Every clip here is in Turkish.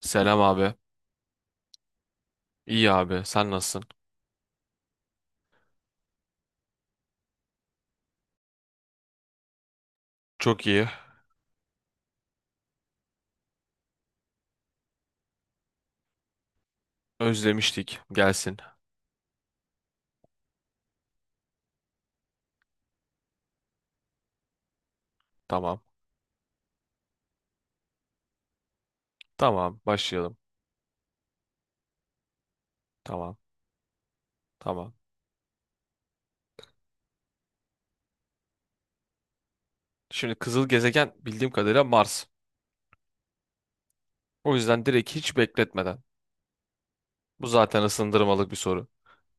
Selam abi. İyi abi. Sen nasılsın? Çok iyi. Özlemiştik. Gelsin. Tamam. Tamam. Başlayalım. Tamam. Tamam. Şimdi kızıl gezegen bildiğim kadarıyla Mars. O yüzden direkt hiç bekletmeden. Bu zaten ısındırmalık bir soru.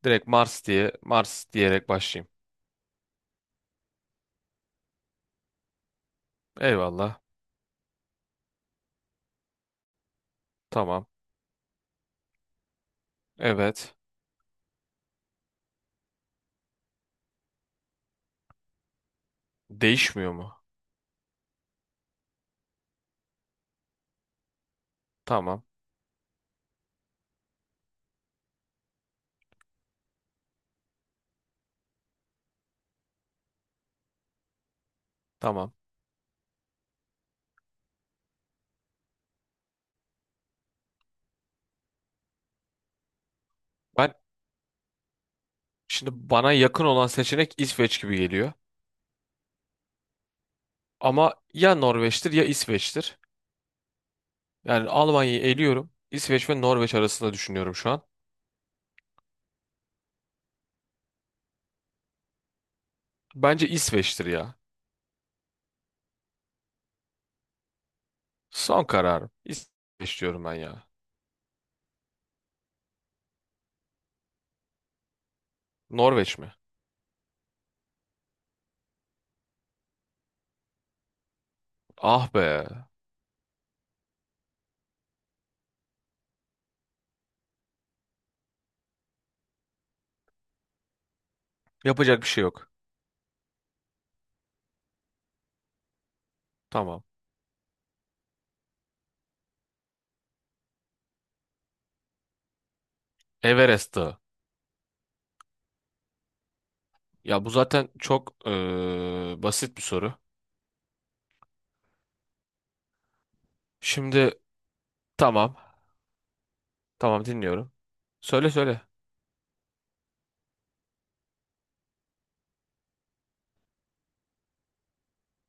Direkt Mars diye Mars diyerek başlayayım. Eyvallah. Tamam. Evet. Değişmiyor mu? Tamam. Tamam. Ben şimdi bana yakın olan seçenek İsveç gibi geliyor. Ama ya Norveç'tir ya İsveç'tir. Yani Almanya'yı eliyorum. İsveç ve Norveç arasında düşünüyorum şu an. Bence İsveç'tir ya. Son kararım. İsveç diyorum ben ya. Norveç mi? Ah be. Yapacak bir şey yok. Tamam. Everest Dağı. Ya bu zaten çok basit bir soru. Şimdi tamam. Tamam dinliyorum. Söyle söyle.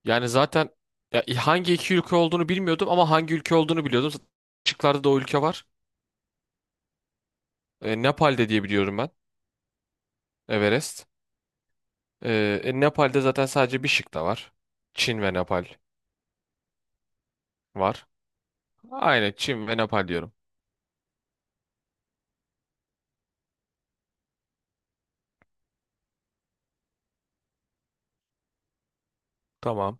Yani zaten ya, hangi iki ülke olduğunu bilmiyordum ama hangi ülke olduğunu biliyordum. Zaten şıklarda da o ülke var. E, Nepal'de diye biliyorum ben. Everest. Nepal'de zaten sadece bir şık da var. Çin ve Nepal var. Aynen Çin ve Nepal diyorum. Tamam,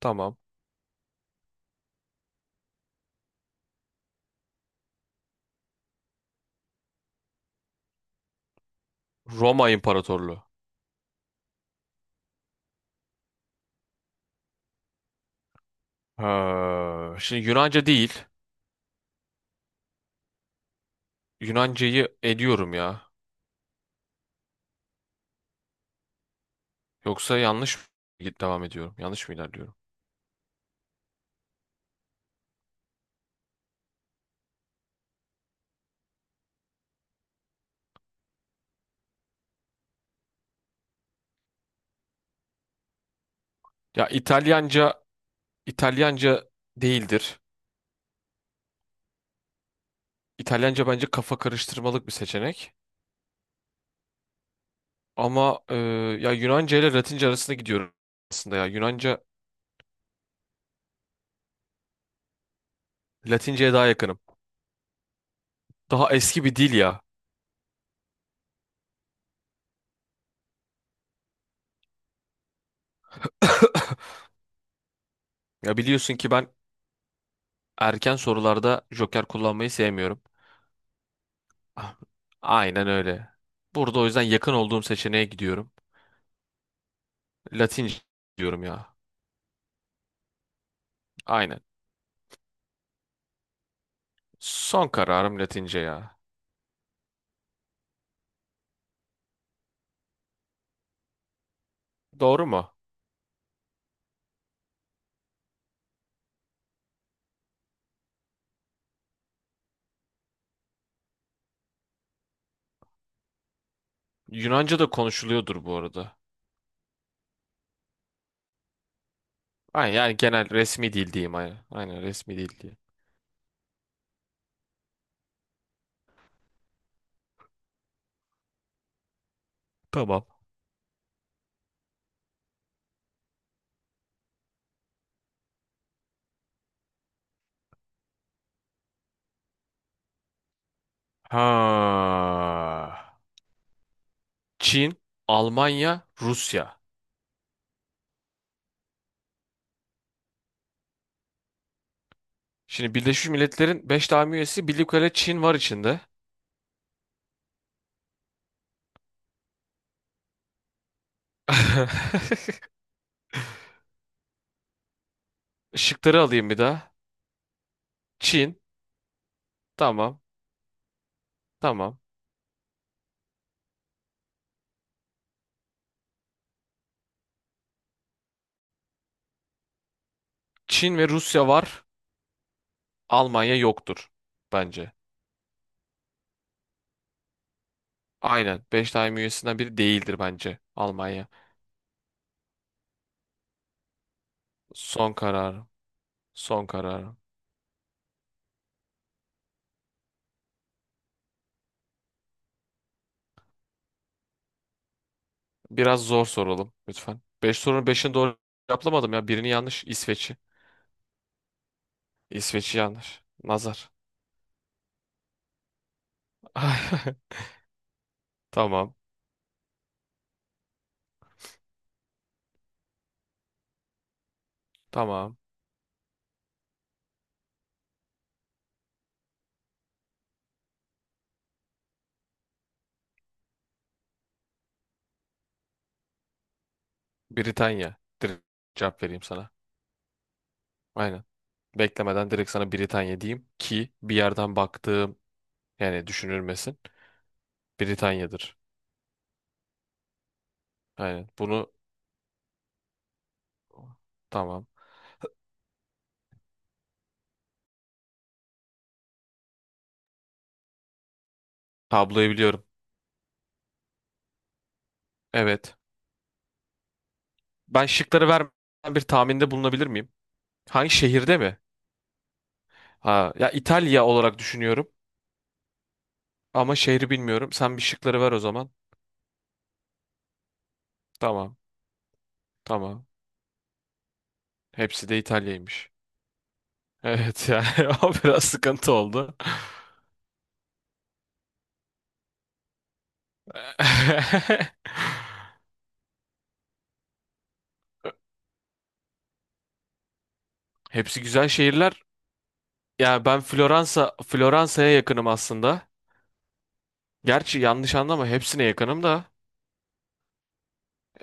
tamam. Roma İmparatorluğu. Ha, şimdi Yunanca değil. Yunancayı ediyorum ya. Yoksa yanlış mı devam ediyorum? Yanlış mı ilerliyorum? Ya İtalyanca, İtalyanca değildir. İtalyanca bence kafa karıştırmalık bir seçenek. Ama ya Yunanca ile Latince arasında gidiyorum aslında ya. Yunanca, Latince'ye daha yakınım. Daha eski bir dil ya. Ya biliyorsun ki ben erken sorularda joker kullanmayı sevmiyorum. Ah, Aynen öyle. Burada o yüzden yakın olduğum seçeneğe gidiyorum. Latince diyorum ya. Aynen. Son kararım Latince ya. Doğru mu? Yunanca da konuşuluyordur bu arada. Aynen yani genel resmi dil diyeyim aynen. Aynen resmi dil diye. Tamam. Ha. Çin, Almanya, Rusya. Şimdi Birleşmiş Milletler'in 5 daimi üyesi bildiğim kadarıyla Çin var içinde. Şıkları alayım bir daha. Çin. Tamam. Tamam. Çin ve Rusya var. Almanya yoktur bence. Aynen. Beş daim üyesinden biri değildir bence Almanya. Son kararım. Son kararım. Biraz zor soralım lütfen. Beş sorunun beşini doğru cevaplamadım ya. Birini yanlış. İsveç'i. İsveç'i yanlış. Nazar. Tamam. Tamam. Britanya. Direkt cevap vereyim sana. Aynen. Beklemeden direkt sana Britanya diyeyim ki bir yerden baktığım yani düşünülmesin. Britanya'dır. Aynen. Bunu tamam. Tabloyu biliyorum. Evet. Ben şıkları vermeden bir tahminde bulunabilir miyim? Hangi şehirde mi? Ha, ya İtalya olarak düşünüyorum ama şehri bilmiyorum. Sen bir şıkları ver o zaman. Tamam. Tamam. Hepsi de İtalya'ymış. Evet yani o biraz sıkıntı oldu. Hepsi güzel şehirler. Yani ben Floransa'ya yakınım aslında. Gerçi yanlış anlama hepsine yakınım da.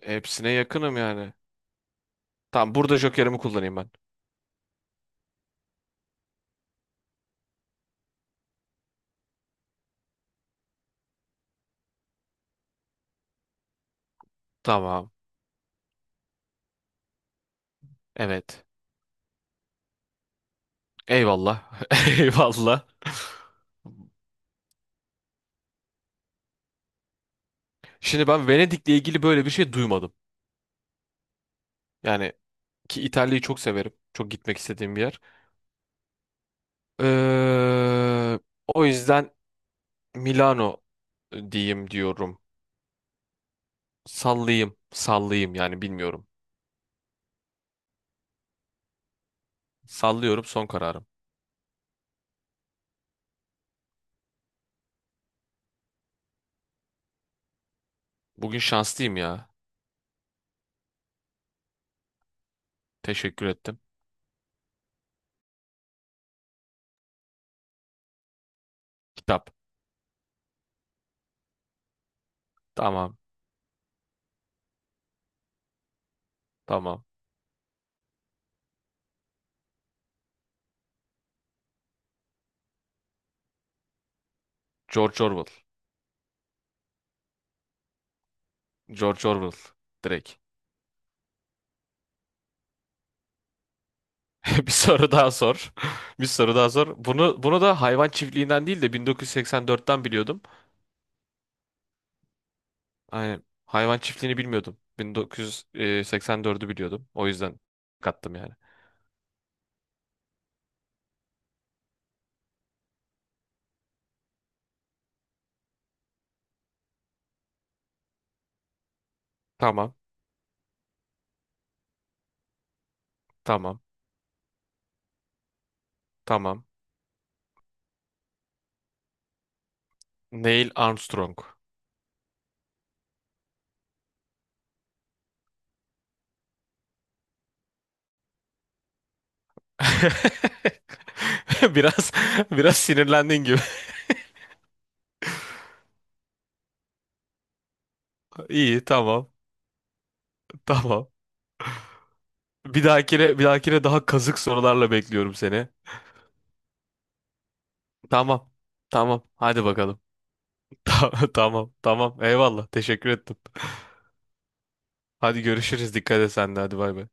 Hepsine yakınım yani. Tamam burada jokerimi kullanayım ben. Tamam. Evet. Eyvallah. Eyvallah. Şimdi ben Venedik'le ilgili böyle bir şey duymadım. Yani ki İtalya'yı çok severim. Çok gitmek istediğim bir yer. Ee, o yüzden Milano diyeyim diyorum. Sallayayım. Sallayayım yani bilmiyorum. Sallıyorum son kararım. Bugün şanslıyım ya. Teşekkür ettim. Kitap. Tamam. Tamam. George Orwell. George Orwell. Direkt. Bir soru daha sor. Bir soru daha sor. Bunu da hayvan çiftliğinden değil de 1984'ten biliyordum. Aynen. Hayvan çiftliğini bilmiyordum. 1984'ü biliyordum. O yüzden kattım yani. Tamam. Tamam. Tamam. Neil Armstrong. Biraz biraz sinirlendin gibi. İyi, tamam. Tamam. Bir dahakine daha kazık sorularla bekliyorum seni. Tamam. Tamam. Hadi bakalım. Tamam. Tamam. Tamam. Eyvallah. Teşekkür ettim. Hadi görüşürüz. Dikkat et sen de. Hadi bay bay.